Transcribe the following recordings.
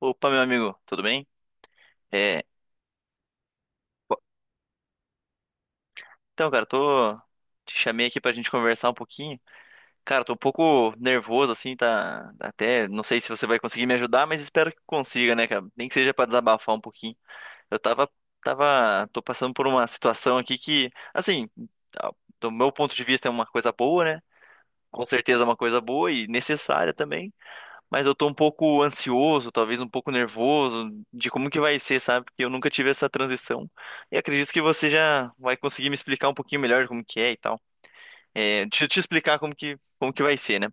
Opa, meu amigo, tudo bem? É, pô, então, cara, tô te chamei aqui pra gente conversar um pouquinho. Cara, tô um pouco nervoso assim, tá até, não sei se você vai conseguir me ajudar, mas espero que consiga, né, cara? Nem que seja pra desabafar um pouquinho. Eu tava tava tô passando por uma situação aqui que, assim, a- do meu ponto de vista é uma coisa boa, né? Com certeza é uma coisa boa e necessária também. Mas eu tô um pouco ansioso, talvez um pouco nervoso de como que vai ser, sabe? Porque eu nunca tive essa transição. E acredito que você já vai conseguir me explicar um pouquinho melhor como que é e tal. É, deixa eu te explicar como que vai ser, né?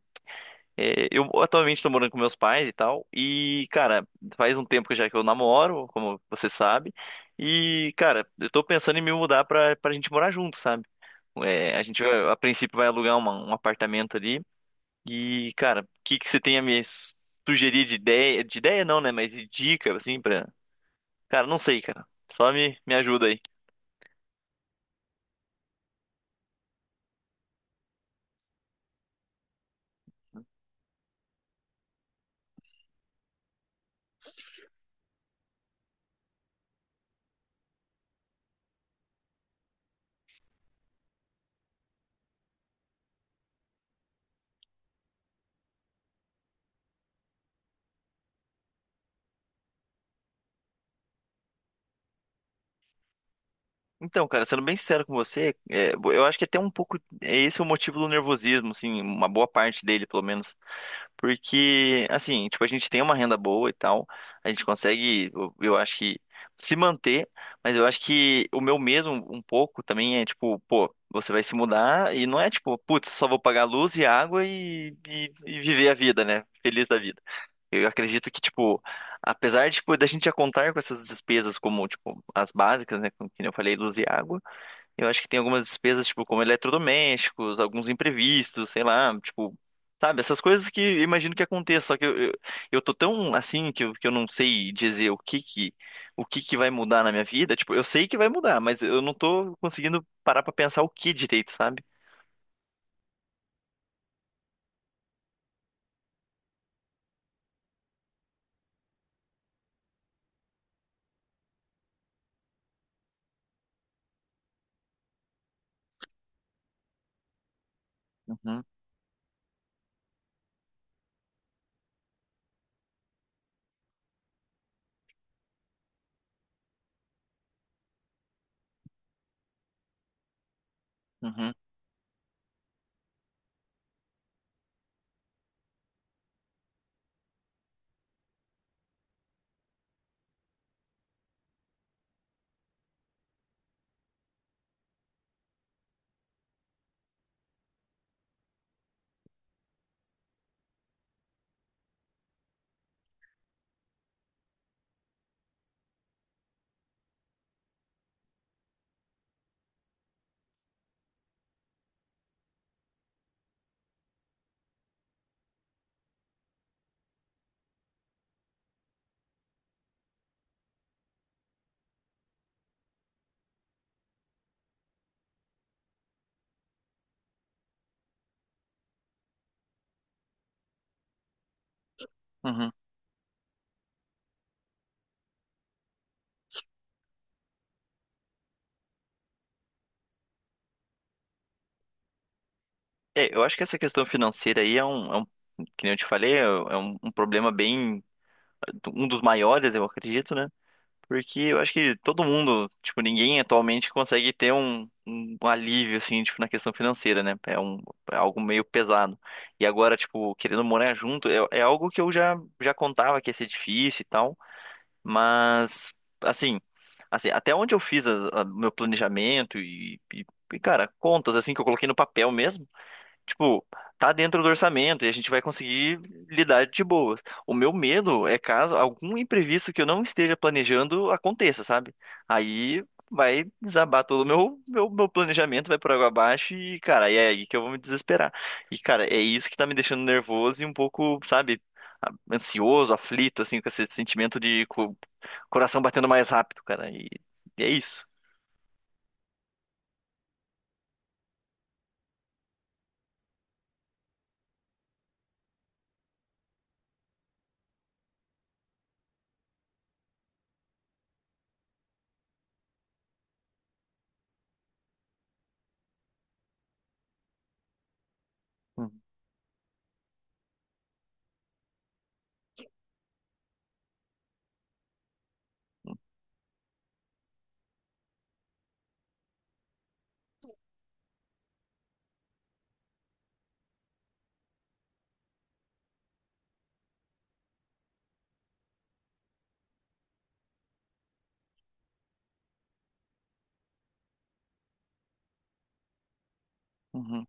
É, eu atualmente tô morando com meus pais e tal. E, cara, faz um tempo que já que eu namoro, como você sabe. E, cara, eu tô pensando em me mudar pra gente morar junto, sabe? É, a gente, a princípio, vai alugar um apartamento ali e, cara, o que que você tem a me sugerir de ideia? De ideia não, né? Mas de dica, assim, pra. Cara, não sei, cara. Só me ajuda aí. Então, cara, sendo bem sincero com você, é, eu acho que é até um pouco. Esse é o motivo do nervosismo, assim, uma boa parte dele, pelo menos. Porque, assim, tipo, a gente tem uma renda boa e tal, a gente consegue, eu acho que, se manter, mas eu acho que o meu medo um pouco também é, tipo, pô, você vai se mudar e não é, tipo, putz, só vou pagar luz e água e viver a vida, né? Feliz da vida. Eu acredito que, tipo, apesar, de, tipo, da gente já contar com essas despesas como, tipo, as básicas, né? Como que nem eu falei, luz e água eu acho que tem algumas despesas, tipo, como eletrodomésticos, alguns imprevistos, sei lá, tipo, sabe, essas coisas que eu imagino que aconteça, só que eu tô tão assim que que eu não sei dizer o que que vai mudar na minha vida, tipo, eu sei que vai mudar, mas eu não tô conseguindo parar pra pensar o que direito, sabe? Uhum, uhum, uhum. É, eu acho que essa questão financeira aí que nem eu te falei, é um problema bem, um dos maiores, eu acredito, né? Porque eu acho que todo mundo, tipo, ninguém atualmente consegue ter um alívio, assim, tipo, na questão financeira, né? É, é algo meio pesado. E agora, tipo, querendo morar junto, é, é algo que eu já contava que ia ser difícil e tal, mas, assim, até onde eu fiz meu planejamento cara, contas, assim, que eu coloquei no papel mesmo, tipo, tá dentro do orçamento e a gente vai conseguir lidar de boas. O meu medo é caso algum imprevisto que eu não esteja planejando aconteça, sabe? Aí vai desabar todo o meu planejamento, vai por água abaixo e, cara, é aí que eu vou me desesperar. E, cara, é isso que tá me deixando nervoso e um pouco, sabe, ansioso, aflito, assim, com esse sentimento de coração batendo mais rápido, cara. E é isso. Uhum,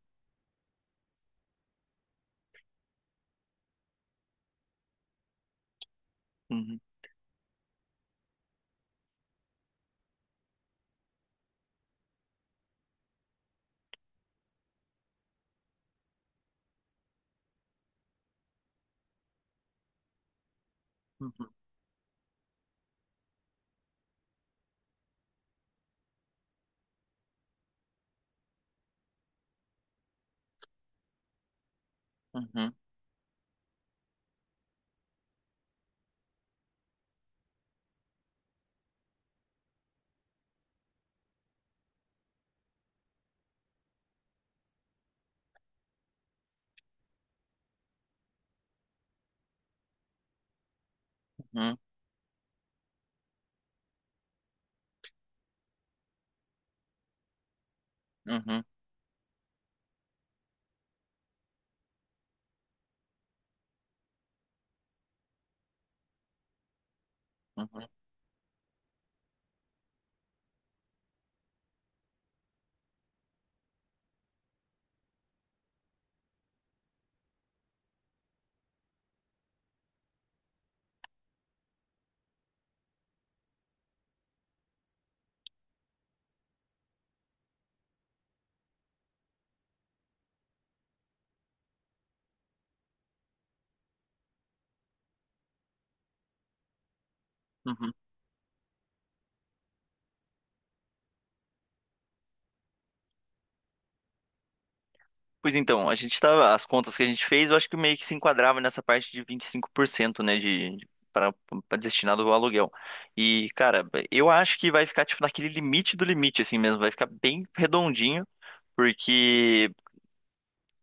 uhum, uhum, uhum, uhum, uhum, uhum, uhum. Uhum. Pois então, a gente tava, as contas que a gente fez, eu acho que meio que se enquadrava nessa parte de 25% né, de para destinado ao aluguel. E, cara, eu acho que vai ficar tipo naquele limite do limite assim mesmo, vai ficar bem redondinho, porque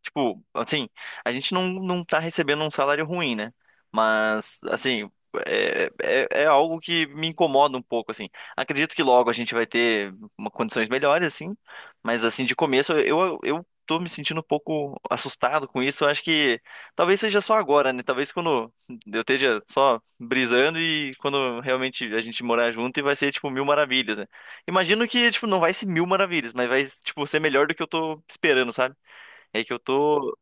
tipo, assim, a gente não tá recebendo um salário ruim, né? Mas, assim, é algo que me incomoda um pouco, assim. Acredito que logo a gente vai ter condições melhores, assim, mas, assim, de começo eu tô me sentindo um pouco assustado com isso. Eu acho que talvez seja só agora, né? Talvez quando eu esteja só brisando e quando realmente a gente morar junto e vai ser, tipo, mil maravilhas, né? Imagino que, tipo, não vai ser mil maravilhas, mas vai, tipo, ser melhor do que eu tô esperando, sabe? É que eu tô.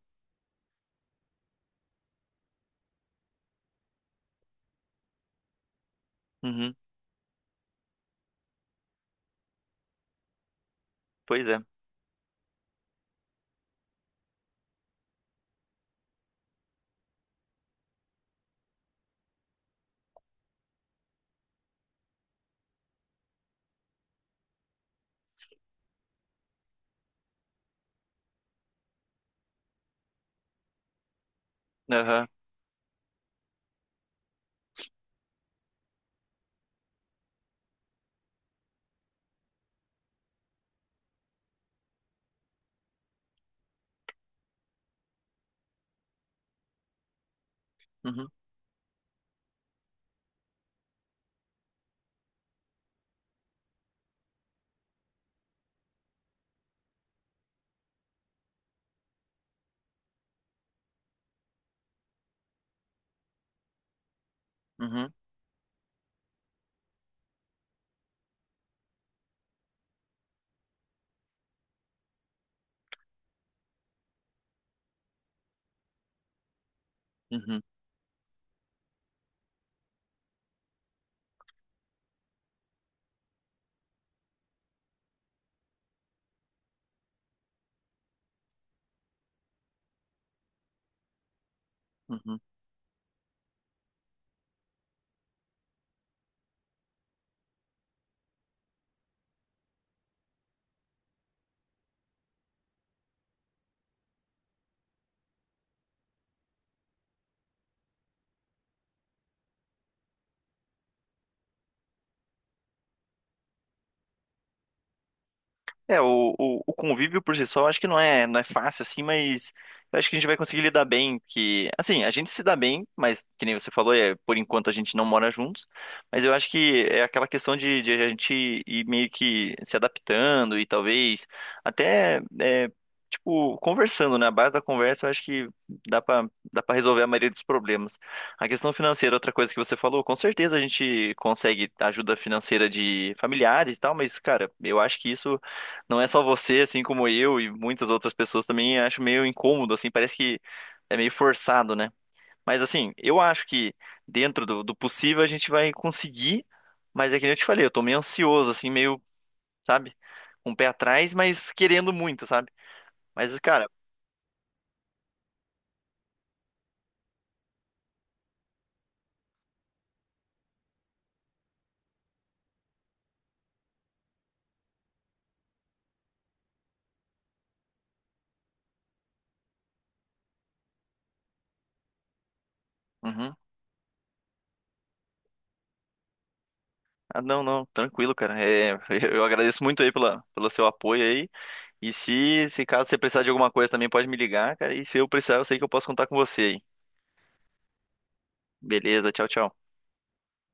Uhum, pois é. Aham. Uhum, uhum, uhum, uhum. É, o convívio por si só, eu acho que não é fácil, assim, mas eu acho que a gente vai conseguir lidar bem, que, assim, a gente se dá bem, mas, que nem você falou, é, por enquanto a gente não mora juntos, mas eu acho que é aquela questão de, a gente ir meio que se adaptando e talvez até, é, tipo, conversando, né? A base da conversa, eu acho que dá pra resolver a maioria dos problemas. A questão financeira, outra coisa que você falou, com certeza a gente consegue ajuda financeira de familiares e tal, mas, cara, eu acho que isso não é só você, assim como eu e muitas outras pessoas também acho meio incômodo, assim, parece que é meio forçado, né? Mas assim, eu acho que dentro do possível a gente vai conseguir, mas é que nem eu te falei, eu tô meio ansioso, assim, meio, sabe, com o pé atrás, mas querendo muito, sabe? Mas, cara, uhum. Ah, não, não, tranquilo, cara. É, eu agradeço muito aí pelo seu apoio aí. E se caso você precisar de alguma coisa também, pode me ligar, cara. E se eu precisar, eu sei que eu posso contar com você aí. Beleza, tchau, tchau.